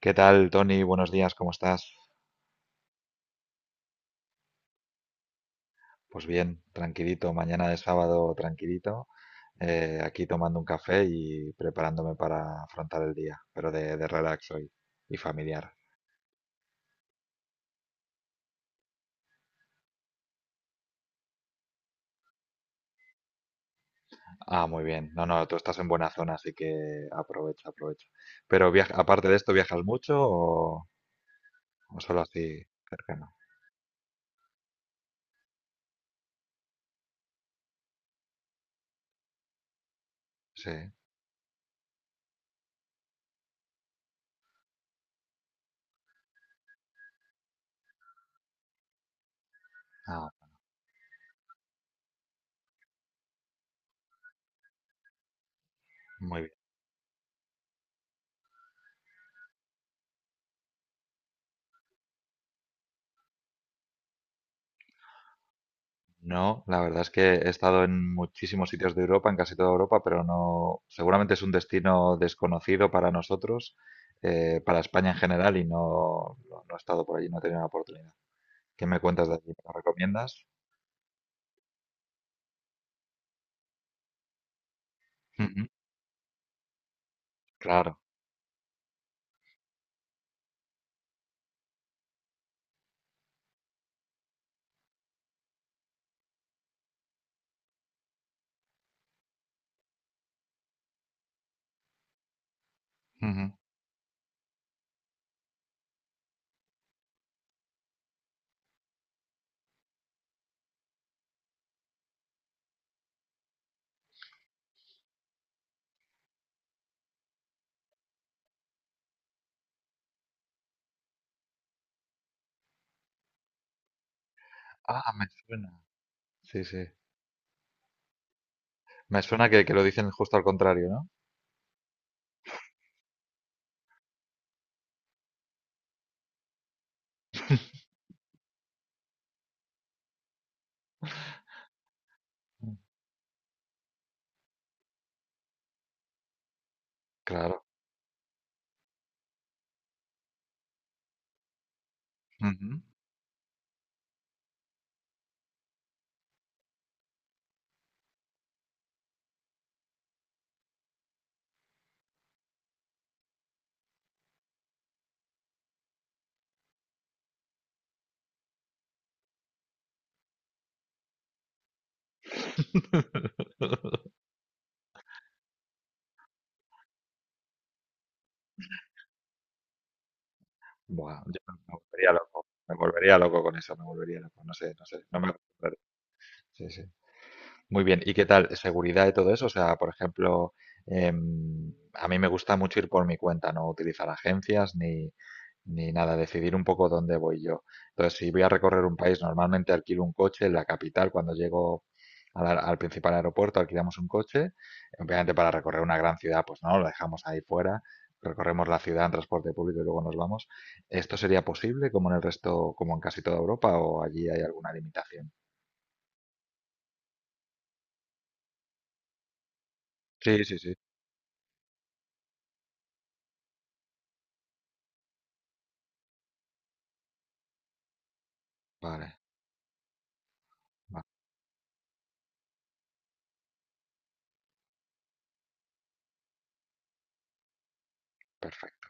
¿Qué tal, Tony? Buenos días, ¿cómo estás? Pues bien, tranquilito, mañana de sábado tranquilito, aquí tomando un café y preparándome para afrontar el día, pero de relax hoy y familiar. Ah, muy bien. No, no, tú estás en buena zona, así que aprovecha, aprovecha. Pero viaja, aparte de esto, ¿viajas mucho o solo así cercano? Sí. Ah, muy bien. No, la verdad es que he estado en muchísimos sitios de Europa, en casi toda Europa, pero no, seguramente es un destino desconocido para nosotros, para España en general, y no, no, no he estado por allí, no he tenido la oportunidad. ¿Qué me cuentas de allí? ¿Me lo recomiendas? Ujú. Claro. Ujú. Ah, me suena. Sí, sí. Me suena que lo dicen justo al contrario, ¿no? Mm. Claro. Ujú. Buah, yo me volvería loco. Me volvería loco con eso, me volvería loco. No sé, no sé. No me acostumbraré. Sí, sí. Muy bien, ¿y qué tal? ¿Seguridad y todo eso? O sea, por ejemplo, a mí me gusta mucho ir por mi cuenta, no utilizar agencias ni, ni nada, decidir un poco dónde voy yo. Entonces, si voy a recorrer un país, normalmente alquilo un coche en la capital cuando llego al, al principal aeropuerto, alquilamos un coche. Obviamente para recorrer una gran ciudad, pues no, lo dejamos ahí fuera, recorremos la ciudad en transporte público y luego nos vamos. ¿Esto sería posible como en el resto, como en casi toda Europa o allí hay alguna limitación? Sí, sí, sí. Vale, vale. Perfecto,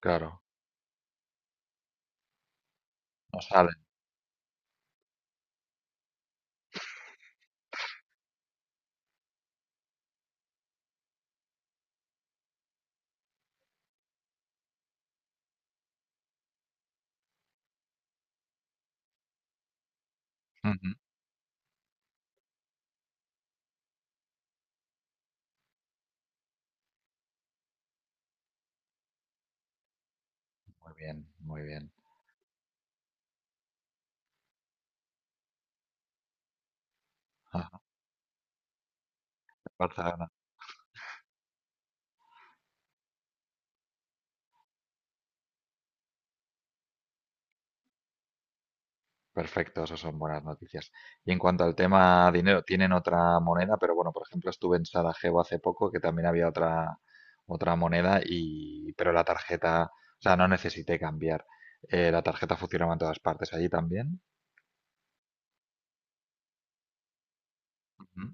claro. No sé. Salen. Ujú. Muy bien, muy bien. Ajá. Barcelona. Perfecto, eso son buenas noticias. Y en cuanto al tema dinero, tienen otra moneda, pero bueno, por ejemplo, estuve en Sarajevo hace poco, que también había otra, otra moneda, y, pero la tarjeta, o sea, no necesité cambiar. La tarjeta funcionaba en todas partes. ¿Allí también? Ujú.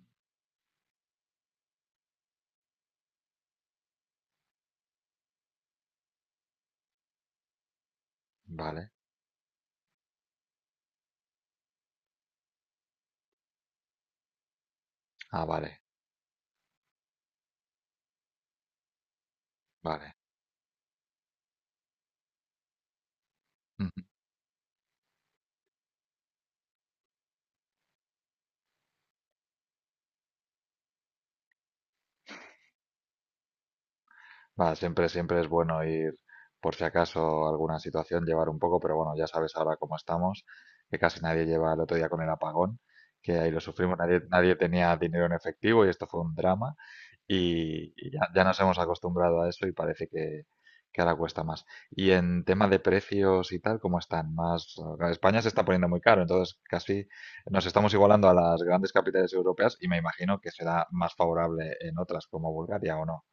Vale. Ah, vale, vale. Va, siempre, siempre es bueno ir, por si acaso alguna situación, llevar un poco, pero bueno, ya sabes ahora cómo estamos, que casi nadie lleva el otro día con el apagón, que ahí lo sufrimos, nadie, nadie tenía dinero en efectivo y esto fue un drama y ya, ya nos hemos acostumbrado a eso y parece que ahora cuesta más. Y en tema de precios y tal, ¿cómo están? Más, España se está poniendo muy caro, entonces casi nos estamos igualando a las grandes capitales europeas y me imagino que será más favorable en otras como Bulgaria o no.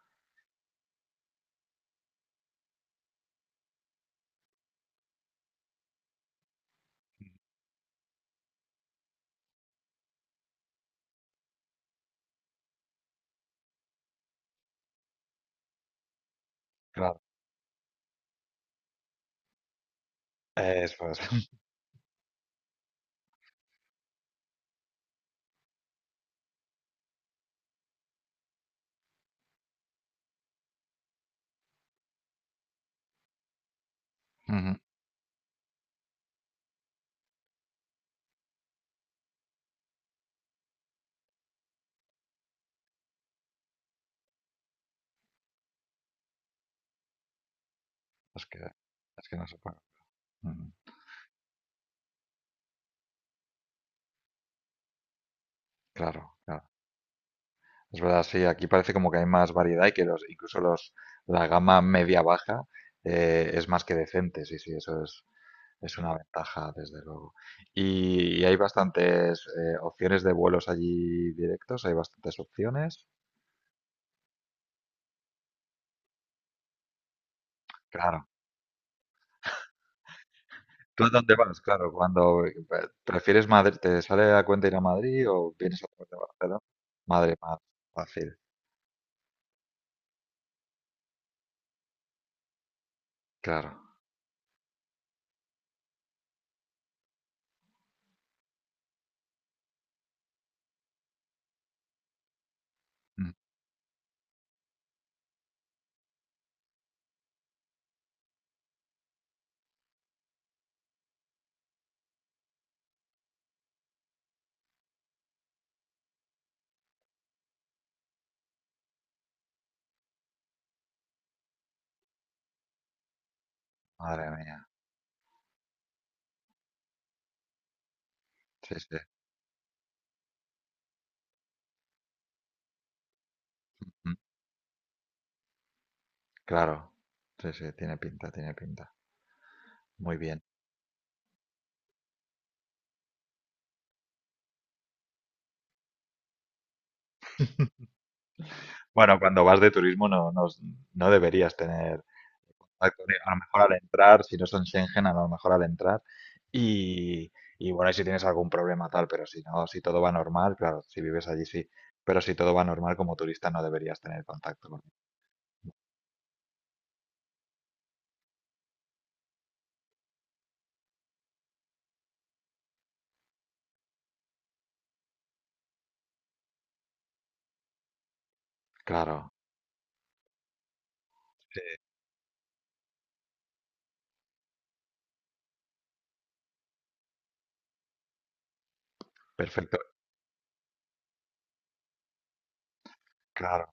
Eso es. Ujú. Es que es que no se paga. Ujú. Claro, claro. Es verdad, sí, aquí parece como que hay más variedad y que los incluso los la gama media baja, es más que decente. Sí, sí, eso es una ventaja, desde luego. Y hay bastantes, opciones de vuelos allí directos, hay bastantes opciones. Claro. ¿Tú a dónde vas? Claro, cuando, ¿prefieres Madrid? ¿Te sale a cuenta ir a Madrid o vienes a vez de Barcelona? Madre más fácil, claro. Mm, madre mía. Sí, sí, mm, claro. Sí, sí, tiene pinta, tiene pinta. Muy bien. Bueno, cuando vas de turismo no, no, no deberías tener, contacto, a lo mejor al entrar, si no son Schengen, a lo mejor al entrar. Y, y bueno, y si tienes algún problema tal, pero si no, si todo va normal, claro, si vives allí sí, pero si todo va normal como turista no deberías tener contacto con- Claro, perfecto, claro.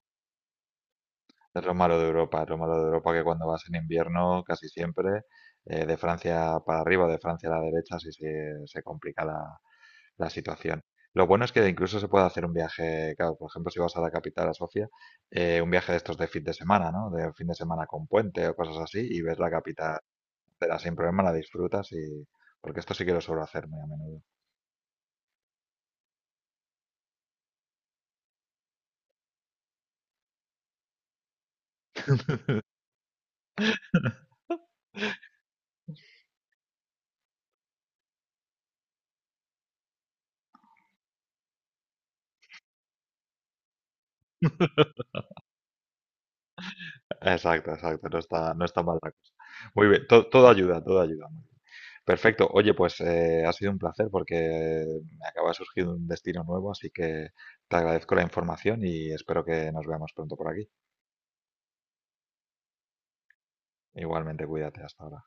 Es lo malo de Europa, es lo malo de Europa que cuando vas en invierno, casi siempre, de Francia para arriba, de Francia a la derecha, sí se complica la, la situación. Lo bueno es que incluso se puede hacer un viaje, claro, por ejemplo, si vas a la capital, a Sofía, un viaje de estos de fin de semana, ¿no? De fin de semana con puente o cosas así, y ves la capital entera sin problema, la disfrutas y... Porque esto sí que lo suelo hacer muy a menudo. Exacto, exacto, no está, no está mal la cosa. Muy bien, todo ayuda, todo ayuda. Perfecto. Oye, pues ha sido un placer porque me acaba de surgir un destino nuevo, así que te agradezco la información y espero que nos veamos pronto por aquí. Igualmente, cuídate. Hasta ahora.